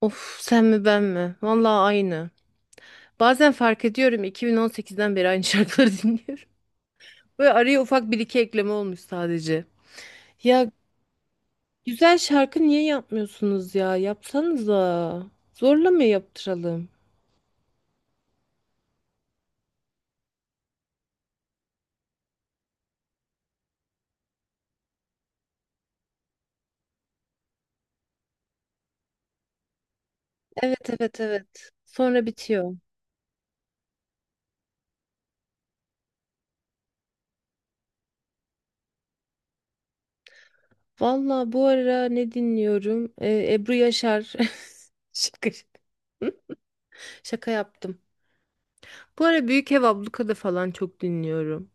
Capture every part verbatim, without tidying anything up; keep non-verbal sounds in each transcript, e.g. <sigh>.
Of sen mi ben mi? Vallahi aynı. Bazen fark ediyorum iki bin on sekizden beri aynı şarkıları <laughs> dinliyorum. Böyle araya ufak bir iki ekleme olmuş sadece. Ya güzel şarkı niye yapmıyorsunuz ya? Yapsanıza. Zorla mı yaptıralım? Evet evet evet. Sonra bitiyor. Vallahi bu ara ne dinliyorum? Ee, Ebru Yaşar. <laughs> Şaka, şaka. Şaka yaptım. Bu ara Büyük Ev Abluka'da falan çok dinliyorum.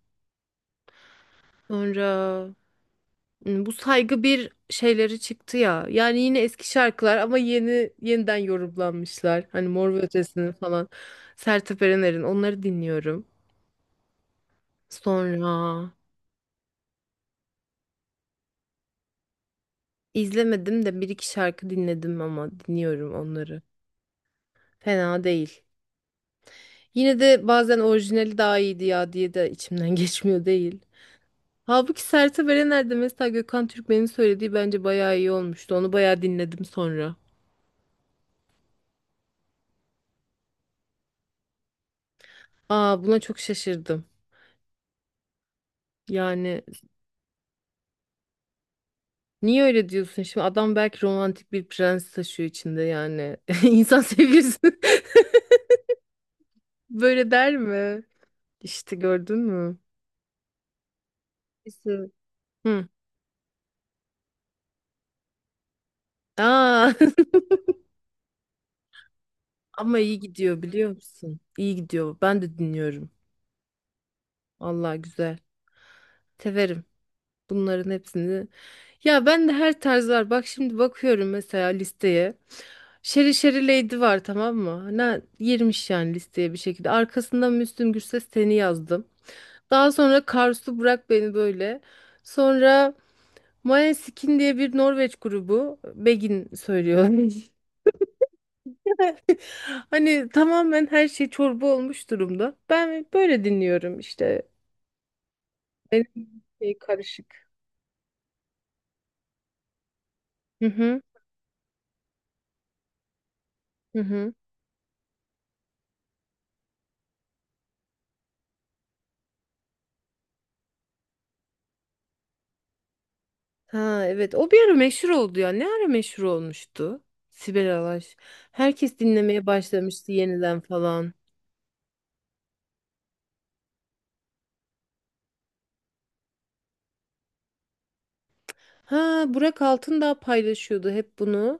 Sonra. Hmm, Bu saygı bir şeyleri çıktı ya. Yani yine eski şarkılar ama yeni yeniden yorumlanmışlar. Hani Mor ve Ötesi'nin falan. Sertab Erener'in onları dinliyorum. Sonra izlemedim de bir iki şarkı dinledim ama dinliyorum onları. Fena değil. Yine de bazen orijinali daha iyiydi ya diye de içimden <laughs> geçmiyor değil. Halbuki Sertab Erener'de mesela Gökhan Türkmen'in söylediği bence bayağı iyi olmuştu. Onu bayağı dinledim sonra. Aa, buna çok şaşırdım. Yani, niye öyle diyorsun? Şimdi adam belki romantik bir prens taşıyor içinde yani. <laughs> İnsan sevgilisi <laughs> böyle der mi? İşte gördün mü? Neyse. Hı. Aa. <laughs> Ama iyi gidiyor biliyor musun? İyi gidiyor. Ben de dinliyorum. Allah güzel. Severim. Bunların hepsini. Ya ben de her tarz var. Bak şimdi bakıyorum mesela listeye. Şeri Şeri Lady var tamam mı? Ne girmiş yani listeye bir şekilde. Arkasından Müslüm Gürses seni yazdım. Daha sonra Karsu Bırak Beni Böyle. Sonra Måneskin diye bir Norveç grubu. Begin söylüyor. <laughs> Hani tamamen her şey çorba olmuş durumda. Ben böyle dinliyorum işte. Benim şey karışık. Hı hı. Hı hı. Ha evet, o bir ara meşhur oldu ya. Ne ara meşhur olmuştu? Sibel Alaş. Herkes dinlemeye başlamıştı yeniden falan. Ha, Burak Altındağ paylaşıyordu hep bunu.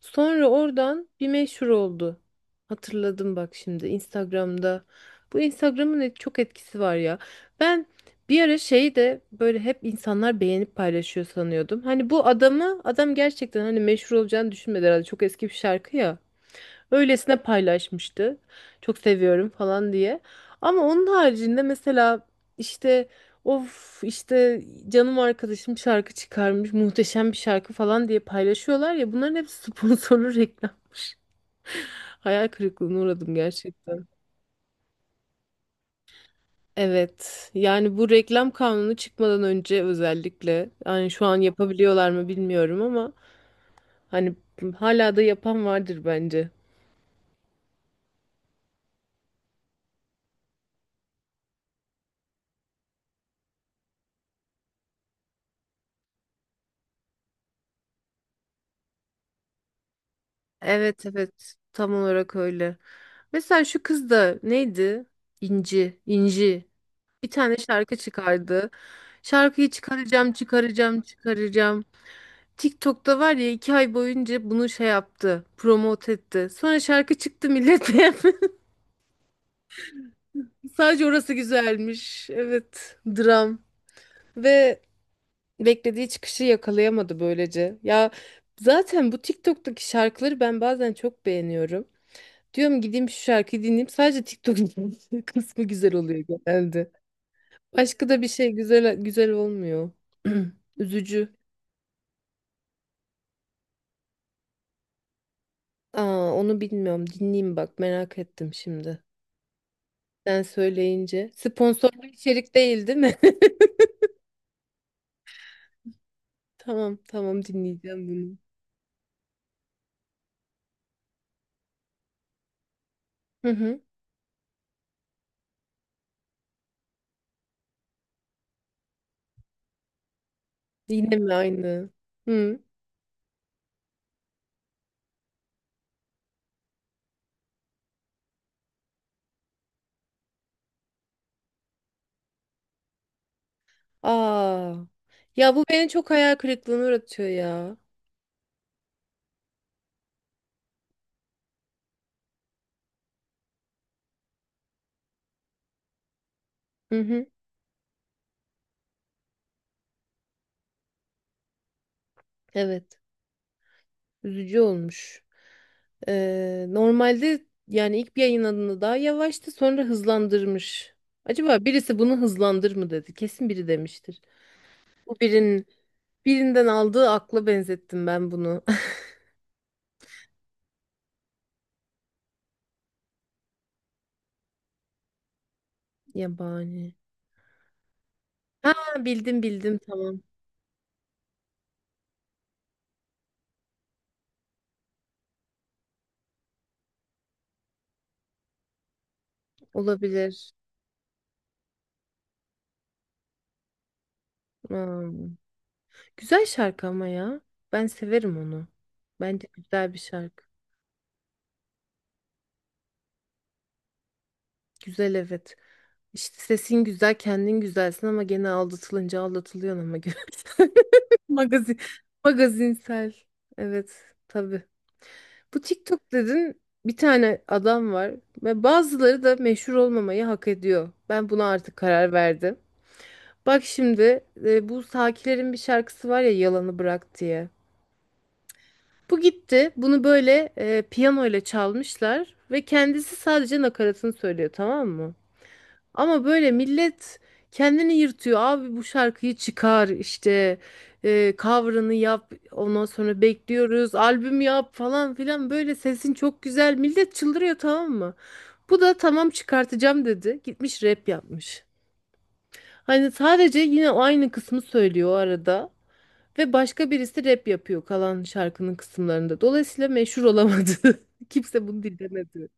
Sonra oradan bir meşhur oldu. Hatırladım bak şimdi Instagram'da. Bu Instagram'ın et- çok etkisi var ya. Ben bir ara şeyi de böyle hep insanlar beğenip paylaşıyor sanıyordum. Hani bu adamı adam gerçekten hani meşhur olacağını düşünmedi herhalde. Çok eski bir şarkı ya. Öylesine paylaşmıştı. Çok seviyorum falan diye. Ama onun haricinde mesela işte of işte canım arkadaşım şarkı çıkarmış muhteşem bir şarkı falan diye paylaşıyorlar ya, bunların hepsi sponsorlu reklam. <laughs> Hayal kırıklığına uğradım gerçekten. Evet yani bu reklam kanunu çıkmadan önce özellikle, yani şu an yapabiliyorlar mı bilmiyorum ama hani hala da yapan vardır bence. Evet evet, tam olarak öyle. Mesela şu kız da neydi? İnci, İnci. Bir tane şarkı çıkardı. Şarkıyı çıkaracağım, çıkaracağım, çıkaracağım. TikTok'ta var ya, iki ay boyunca bunu şey yaptı, promote etti. Sonra şarkı çıktı, millet beğenmedi. <laughs> Sadece orası güzelmiş. Evet, dram. Ve beklediği çıkışı yakalayamadı böylece. Ya zaten bu TikTok'taki şarkıları ben bazen çok beğeniyorum. Diyorum gideyim şu şarkıyı dinleyeyim. Sadece TikTok <laughs> kısmı güzel oluyor genelde. Başka da bir şey güzel güzel olmuyor. <clears throat> Üzücü. Aa, onu bilmiyorum. Dinleyeyim bak, merak ettim şimdi. Sen söyleyince. Sponsorlu içerik değil değil mi? <laughs> Tamam tamam, dinleyeceğim bunu. Hı hı. Yine mi aynı? Hı. Aa. Ya bu beni çok hayal kırıklığına uğratıyor ya. Hı hı. Evet. Üzücü olmuş. Ee, normalde yani ilk bir yayınladığında daha yavaştı, sonra hızlandırmış. Acaba birisi bunu hızlandır mı dedi? Kesin biri demiştir. Bu birinin birinden aldığı akla benzettim ben bunu. <laughs> Yabani. Ha, bildim bildim tamam. Olabilir. Hmm. Güzel şarkı ama ya. Ben severim onu. Bence güzel bir şarkı. Güzel evet. İşte sesin güzel, kendin güzelsin ama gene aldatılınca aldatılıyorsun ama <laughs> güzel. Magazin, magazinsel. Evet, tabii. Bu TikTok dedin, bir tane adam var ve bazıları da meşhur olmamayı hak ediyor. Ben buna artık karar verdim. Bak şimdi e, bu Sakiler'in bir şarkısı var ya, Yalanı Bırak diye. Bu gitti. Bunu böyle e, piyano ile çalmışlar ve kendisi sadece nakaratını söylüyor tamam mı? Ama böyle millet kendini yırtıyor. Abi bu şarkıyı çıkar işte, e, cover'ını yap, ondan sonra bekliyoruz, albüm yap falan filan, böyle sesin çok güzel, millet çıldırıyor tamam mı? Bu da tamam çıkartacağım dedi, gitmiş rap yapmış. Hani sadece yine o aynı kısmı söylüyor o arada ve başka birisi rap yapıyor kalan şarkının kısımlarında. Dolayısıyla meşhur olamadı. <laughs> Kimse bunu dinlemedi.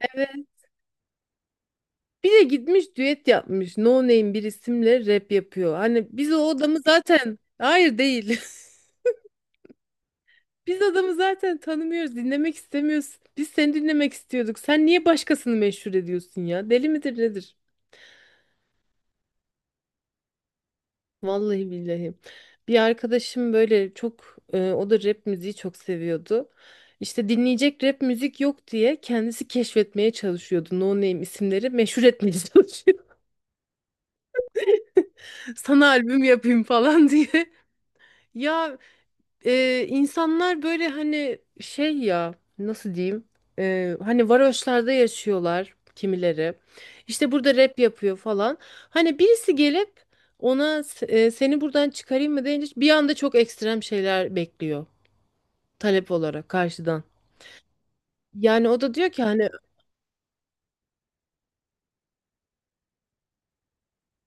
Evet. Bir de gitmiş düet yapmış. No Name bir isimle rap yapıyor. Hani biz o adamı zaten, hayır değil. <laughs> Biz adamı zaten tanımıyoruz, dinlemek istemiyoruz. Biz seni dinlemek istiyorduk. Sen niye başkasını meşhur ediyorsun ya? Deli midir nedir? Vallahi billahi. Bir arkadaşım böyle çok e, o da rap müziği çok seviyordu. İşte dinleyecek rap müzik yok diye kendisi keşfetmeye çalışıyordu. No Name isimleri meşhur etmeye çalışıyordu. <laughs> Sana albüm yapayım falan <laughs> diye. Ya e, insanlar böyle hani şey ya nasıl diyeyim. E, hani varoşlarda yaşıyorlar kimileri, işte burada rap yapıyor falan, hani birisi gelip ona s- e, seni buradan çıkarayım mı deyince bir anda çok ekstrem şeyler bekliyor talep olarak karşıdan. Yani o da diyor ki hani.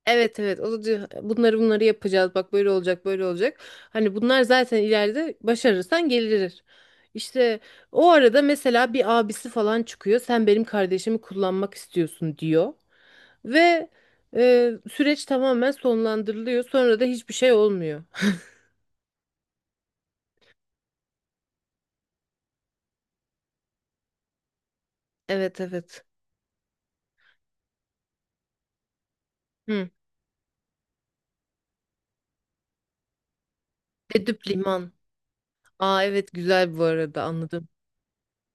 Evet evet, o da diyor bunları bunları yapacağız, bak böyle olacak böyle olacak. Hani bunlar zaten ileride başarırsan gelir. İşte o arada mesela bir abisi falan çıkıyor, sen benim kardeşimi kullanmak istiyorsun diyor. Ve e, süreç tamamen sonlandırılıyor, sonra da hiçbir şey olmuyor. Evet evet. Hı. Edüp liman. Aa evet, güzel bu arada, anladım.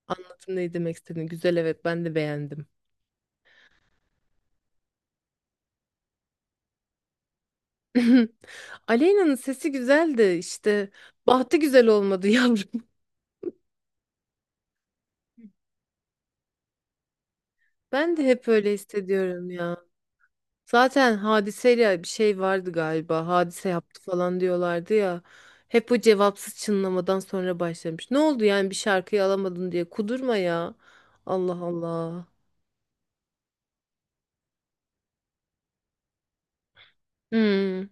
Anladım ne demek istediğini. Güzel evet, ben de beğendim. <laughs> Aleyna'nın sesi güzeldi işte. Bahtı güzel olmadı <laughs> yavrum. Ben de hep öyle hissediyorum ya. Zaten hadiseyle bir şey vardı galiba. Hadise yaptı falan diyorlardı ya. Hep o cevapsız çınlamadan sonra başlamış. Ne oldu yani, bir şarkıyı alamadın diye kudurma ya. Allah Allah. Hmm.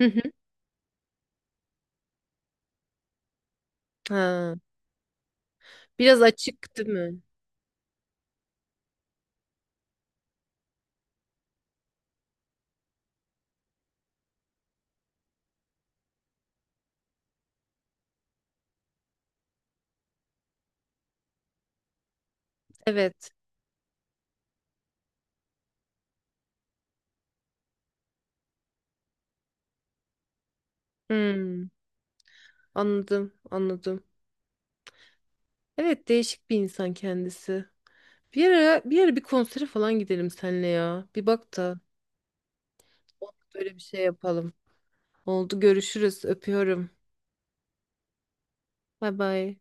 Hı hı. Ha. Biraz açık değil mi? Evet. Hmm. Anladım, anladım. Evet, değişik bir insan kendisi. Bir ara, bir ara bir konsere falan gidelim seninle ya. Bir bak da böyle bir şey yapalım. Oldu, görüşürüz. Öpüyorum. Bay bay.